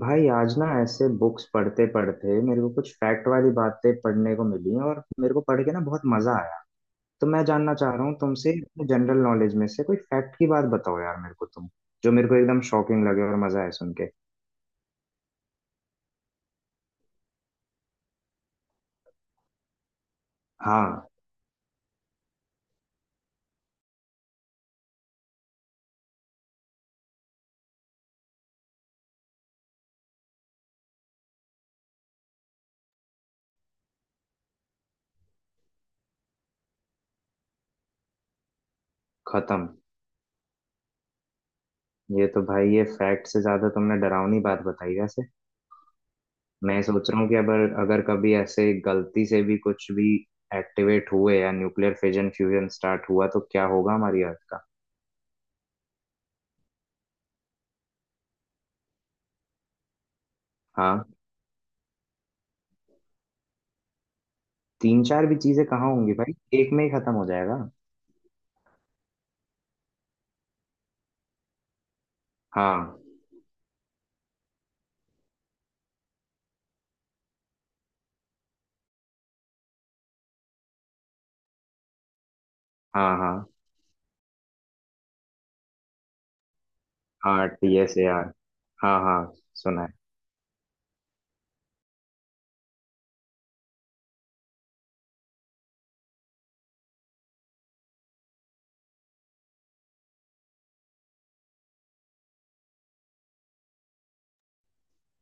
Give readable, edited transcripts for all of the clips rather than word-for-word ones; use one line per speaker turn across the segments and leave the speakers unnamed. भाई आज ना ऐसे बुक्स पढ़ते पढ़ते मेरे को कुछ फैक्ट वाली बातें पढ़ने को मिली और मेरे को पढ़ के ना बहुत मजा आया। तो मैं जानना चाह रहा हूँ तुमसे, अपने जनरल नॉलेज में से कोई फैक्ट की बात बताओ यार मेरे को तुम, जो मेरे को एकदम शॉकिंग लगे और मजा आए सुन के। हाँ। खत्म। ये तो भाई ये फैक्ट से ज्यादा तुमने डरावनी बात बताई वैसे। मैं सोच रहा हूँ कि अगर अगर कभी ऐसे गलती से भी कुछ भी एक्टिवेट हुए या न्यूक्लियर फिजन फ्यूजन स्टार्ट हुआ तो क्या होगा हमारी अर्थ का। हाँ? तीन चार भी चीजें कहाँ होंगी भाई, एक में ही खत्म हो जाएगा। हाँ हाँ हाँ। हाँ टी एस ए आर, हाँ हाँ, सुना है।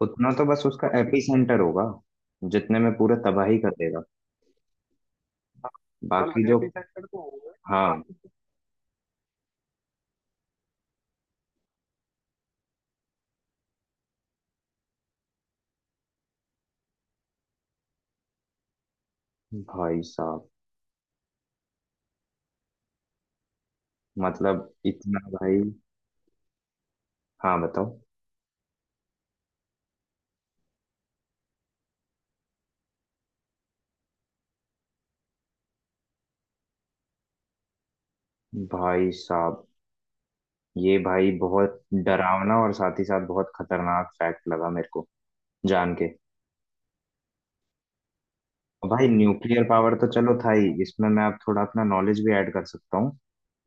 उतना तो बस उसका एपी सेंटर होगा, जितने में पूरा तबाही कर देगा। हाँ बाकी जो, हाँ। भाई साहब, मतलब इतना भाई। हाँ बताओ। भाई साहब, ये भाई बहुत डरावना और साथ ही साथ बहुत खतरनाक फैक्ट लगा मेरे को, जान के। भाई न्यूक्लियर पावर तो चलो था ही, इसमें मैं अब थोड़ा अपना नॉलेज भी ऐड कर सकता हूँ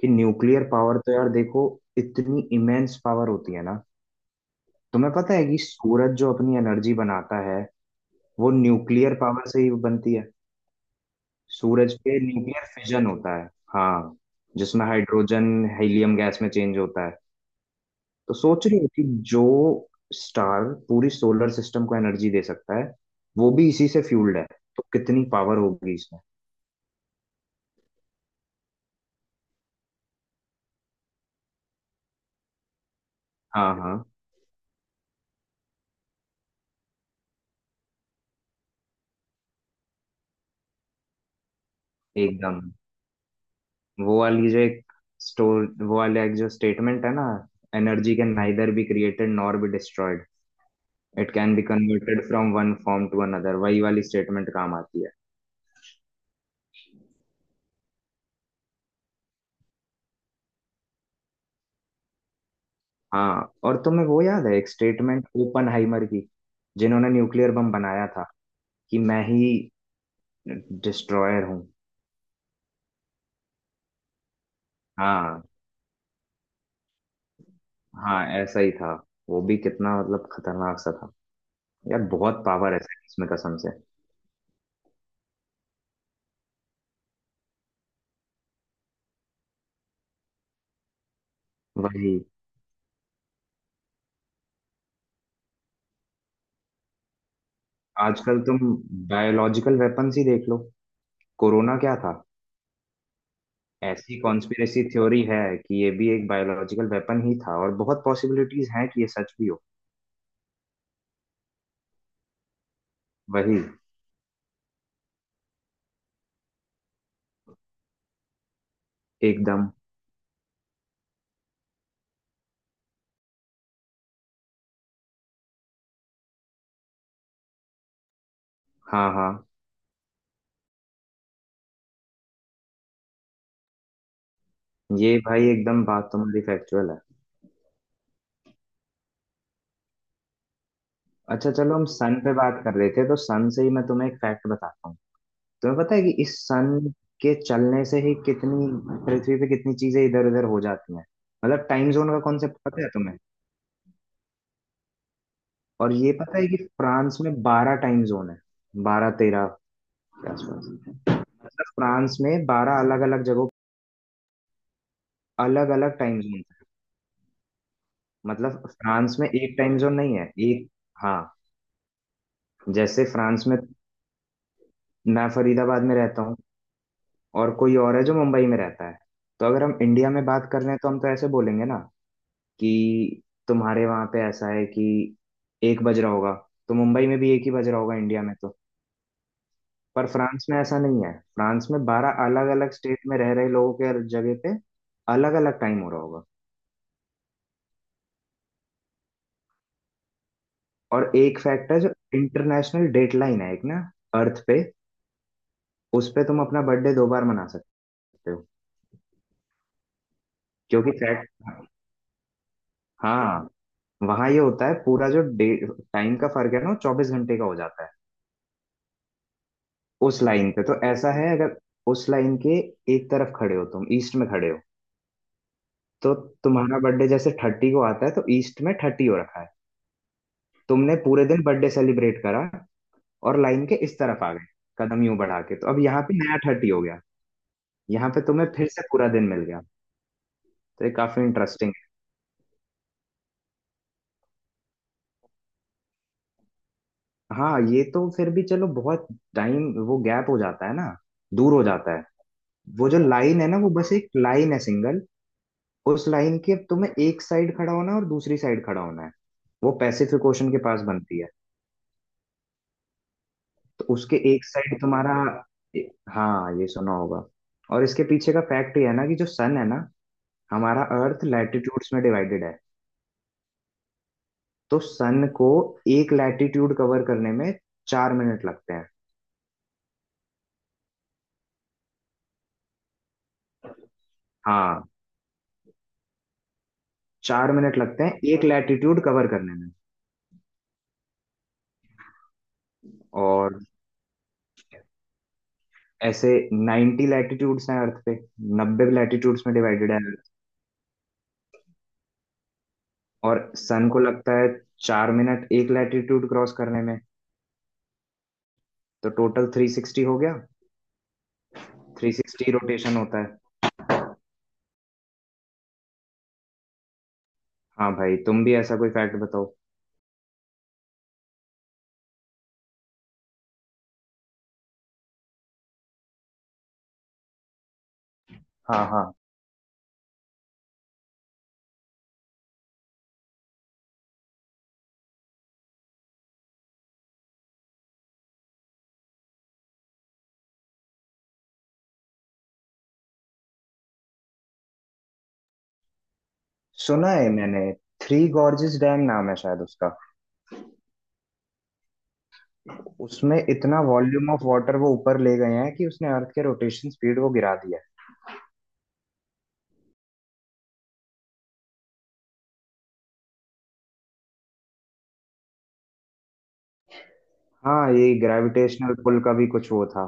कि न्यूक्लियर पावर तो यार देखो, इतनी इमेंस पावर होती है ना। तुम्हें पता है कि सूरज जो अपनी एनर्जी बनाता है वो न्यूक्लियर पावर से ही बनती है। सूरज पे न्यूक्लियर फिजन होता है, हाँ, जिसमें हाइड्रोजन हीलियम गैस में चेंज होता है। तो सोच रही हो कि जो स्टार पूरी सोलर सिस्टम को एनर्जी दे सकता है वो भी इसी से फ्यूल्ड है, तो कितनी पावर होगी इसमें। हाँ हाँ एकदम। वो वाली जो एक स्टोर, वो वाला एक जो स्टेटमेंट है ना, energy can neither be created nor be destroyed, it can be converted from one form to another, वही वाली स्टेटमेंट काम आती है। हाँ, और तुम्हें वो याद है एक स्टेटमेंट ओपनहाइमर की, जिन्होंने न्यूक्लियर बम बनाया था, कि मैं ही डिस्ट्रॉयर हूँ। हाँ हाँ, ऐसा ही था। वो भी कितना मतलब खतरनाक सा था। यार बहुत पावर है साइंस में कसम से। वही। आजकल तुम बायोलॉजिकल वेपन्स ही देख लो, कोरोना क्या था। ऐसी कॉन्स्पिरेसी थ्योरी है कि ये भी एक बायोलॉजिकल वेपन ही था, और बहुत पॉसिबिलिटीज हैं कि ये सच भी हो। वही। एकदम। हाँ हाँ। ये भाई एकदम बात तुम्हारी फैक्चुअल है। अच्छा चलो हम सन पे बात कर रहे थे तो सन से ही मैं तुम्हें एक फैक्ट बताता हूँ। तुम्हें पता है कि इस सन के चलने से ही कितनी पृथ्वी पे कितनी चीजें इधर उधर हो जाती हैं। मतलब टाइम जोन का कॉन्सेप्ट पता है तुम्हें? और ये पता है कि फ्रांस में 12 टाइम जोन है, 12-13 के आसपास। मतलब फ्रांस में 12 अलग अलग जगहों अलग अलग टाइम जोन है, मतलब फ्रांस में एक टाइम जोन नहीं है एक। हाँ। जैसे फ्रांस में, मैं फरीदाबाद में रहता हूँ और कोई और है जो मुंबई में रहता है, तो अगर हम इंडिया में बात कर रहे हैं तो हम तो ऐसे बोलेंगे ना कि तुम्हारे वहां पे ऐसा है कि एक बज रहा होगा तो मुंबई में भी एक ही बज रहा होगा, इंडिया में तो। पर फ्रांस में ऐसा नहीं है, फ्रांस में 12 अलग अलग स्टेट में रह रहे लोगों के जगह पे अलग अलग टाइम हो रहा होगा। और एक फैक्ट है, जो इंटरनेशनल डेट लाइन है एक ना, अर्थ पे, उस पे तुम अपना बर्थडे दो बार मना सकते हो, क्योंकि फ्लैट। हाँ। वहाँ ये होता है, पूरा जो डे टाइम का फर्क है ना 24 घंटे का हो जाता है। उस लाइन पे तो ऐसा है, अगर उस लाइन के एक तरफ खड़े हो तुम, ईस्ट में खड़े हो, तो तुम्हारा बर्थडे जैसे 30 को आता है, तो ईस्ट में 30 हो रखा है, तुमने पूरे दिन बर्थडे सेलिब्रेट करा, और लाइन के इस तरफ आ गए, कदम यूं बढ़ा के, तो अब यहाँ पे नया 30 हो गया, यहाँ पे तुम्हें फिर से पूरा दिन मिल गया। तो ये काफी इंटरेस्टिंग। हाँ ये तो फिर भी चलो बहुत टाइम, वो गैप हो जाता है ना, दूर हो जाता है। वो जो लाइन है ना वो बस एक लाइन है, सिंगल, उस लाइन के तुम्हें एक साइड खड़ा होना है और दूसरी साइड खड़ा होना है। वो पैसिफिक ओशन के पास बनती है। तो उसके एक साइड तुम्हारा, हाँ ये सुना होगा। और इसके पीछे का फैक्ट ये है ना कि जो सन है ना, हमारा अर्थ लैटिट्यूड्स में डिवाइडेड है, तो सन को एक लैटिट्यूड कवर करने में 4 मिनट लगते हैं। हाँ, 4 मिनट लगते हैं एक लैटिट्यूड कवर करने में। और ऐसे 90 लैटिट्यूड्स हैं अर्थ पे, नब्बे लैटिट्यूड्स में डिवाइडेड है अर्थ, और सन को लगता है 4 मिनट एक लैटिट्यूड क्रॉस करने में, तो टोटल 360 हो गया, 360 रोटेशन होता है। हाँ भाई तुम भी ऐसा कोई फैक्ट बताओ। हाँ हाँ, सुना है मैंने, थ्री गॉर्जेस डैम नाम है शायद उसका। उसमें इतना वॉल्यूम ऑफ वाटर वो ऊपर ले गए हैं कि उसने अर्थ के रोटेशन स्पीड को गिरा दिया है। हाँ ये ग्रेविटेशनल पुल का भी कुछ वो था।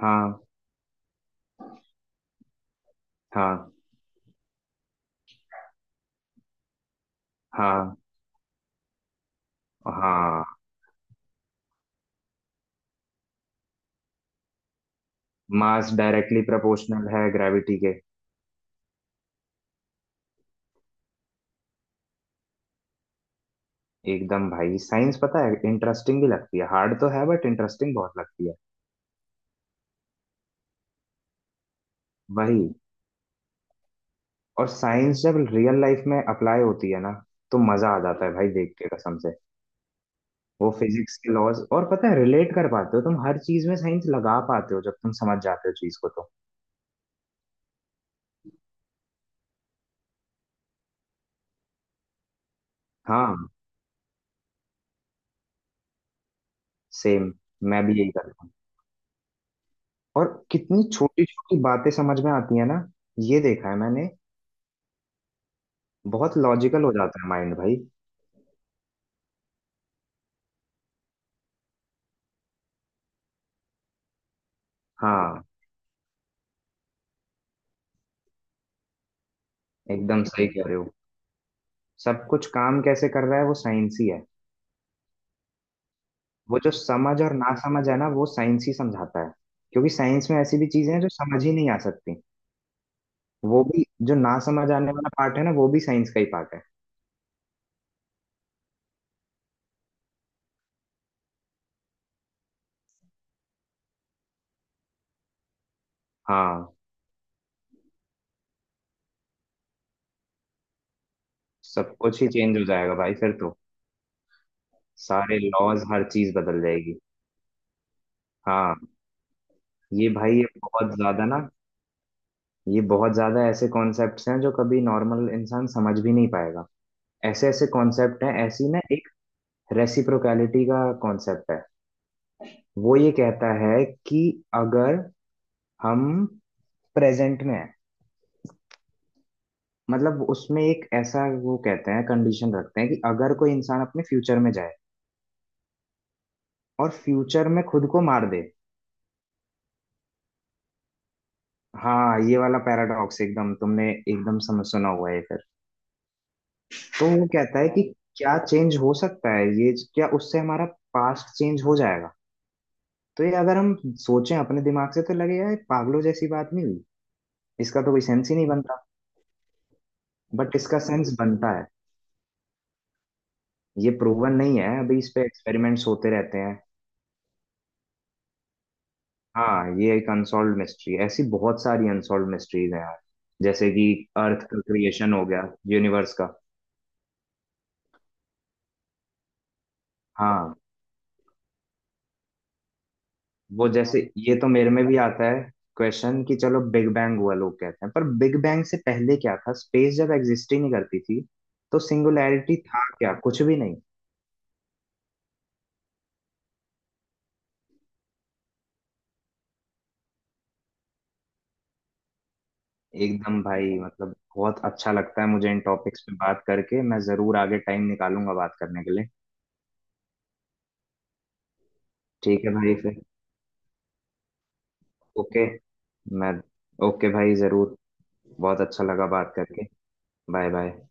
हाँ हाँ हाँ हाँ। मास डायरेक्टली प्रोपोर्शनल है ग्रेविटी के। एकदम भाई, साइंस पता है इंटरेस्टिंग भी लगती है, हार्ड तो है बट इंटरेस्टिंग बहुत लगती है। वही। और साइंस जब रियल लाइफ में अप्लाई होती है ना तो मजा आ जाता है भाई, देख के कसम से। वो फिजिक्स के लॉज, और पता है रिलेट कर पाते हो तुम हर चीज में, साइंस लगा पाते हो जब तुम समझ जाते हो चीज को तो। हाँ सेम, मैं भी यही करता हूँ। और कितनी छोटी छोटी बातें समझ में आती है ना, ये देखा है मैंने। बहुत लॉजिकल हो जाता है माइंड भाई। हाँ एकदम सही कह रहे हो। सब कुछ काम कैसे कर रहा है वो साइंस ही है। वो जो समझ और ना समझ है ना वो साइंस ही समझाता है, क्योंकि साइंस में ऐसी भी चीजें हैं जो समझ ही नहीं आ सकती, वो भी, जो ना समझ आने वाला पार्ट है ना वो भी साइंस का ही पार्ट है। हाँ सब कुछ ही चेंज हो जाएगा भाई फिर तो, सारे लॉज हर चीज बदल जाएगी। हाँ ये भाई, ये बहुत ज्यादा ना, ये बहुत ज्यादा ऐसे कॉन्सेप्ट्स हैं जो कभी नॉर्मल इंसान समझ भी नहीं पाएगा। ऐसे ऐसे कॉन्सेप्ट हैं, ऐसी ना एक रेसिप्रोकैलिटी का कॉन्सेप्ट है, वो ये कहता है कि, अगर हम प्रेजेंट में हैं, मतलब उसमें एक ऐसा वो कहते हैं कंडीशन रखते हैं कि अगर कोई इंसान अपने फ्यूचर में जाए और फ्यूचर में खुद को मार दे। हाँ ये वाला पैराडॉक्स एकदम, तुमने एकदम समझ, सुना हुआ है फिर। तो वो कहता है कि क्या चेंज हो सकता है, ये क्या उससे हमारा पास्ट चेंज हो जाएगा? तो ये अगर हम सोचें अपने दिमाग से तो लगेगा ये पागलों जैसी बात नहीं हुई, इसका तो कोई सेंस ही नहीं बनता, बट इसका सेंस बनता है। ये प्रूवन नहीं है, अभी इस पे एक्सपेरिमेंट्स होते रहते हैं। हाँ ये एक अनसॉल्व मिस्ट्री है, ऐसी बहुत सारी अनसॉल्व मिस्ट्रीज हैं यार, जैसे कि अर्थ का क्रिएशन हो गया, यूनिवर्स का। हाँ। वो जैसे, ये तो मेरे में भी आता है क्वेश्चन कि चलो बिग बैंग हुआ लोग कहते हैं, पर बिग बैंग से पहले क्या था, स्पेस जब एग्जिस्ट ही नहीं करती थी, तो सिंगुलैरिटी था क्या, कुछ भी नहीं। एकदम भाई, मतलब बहुत अच्छा लगता है मुझे इन टॉपिक्स पे बात करके, मैं जरूर आगे टाइम निकालूंगा बात करने के लिए। ठीक है भाई फिर। ओके। मैं। ओके भाई जरूर। बहुत अच्छा लगा बात करके। Bye bye.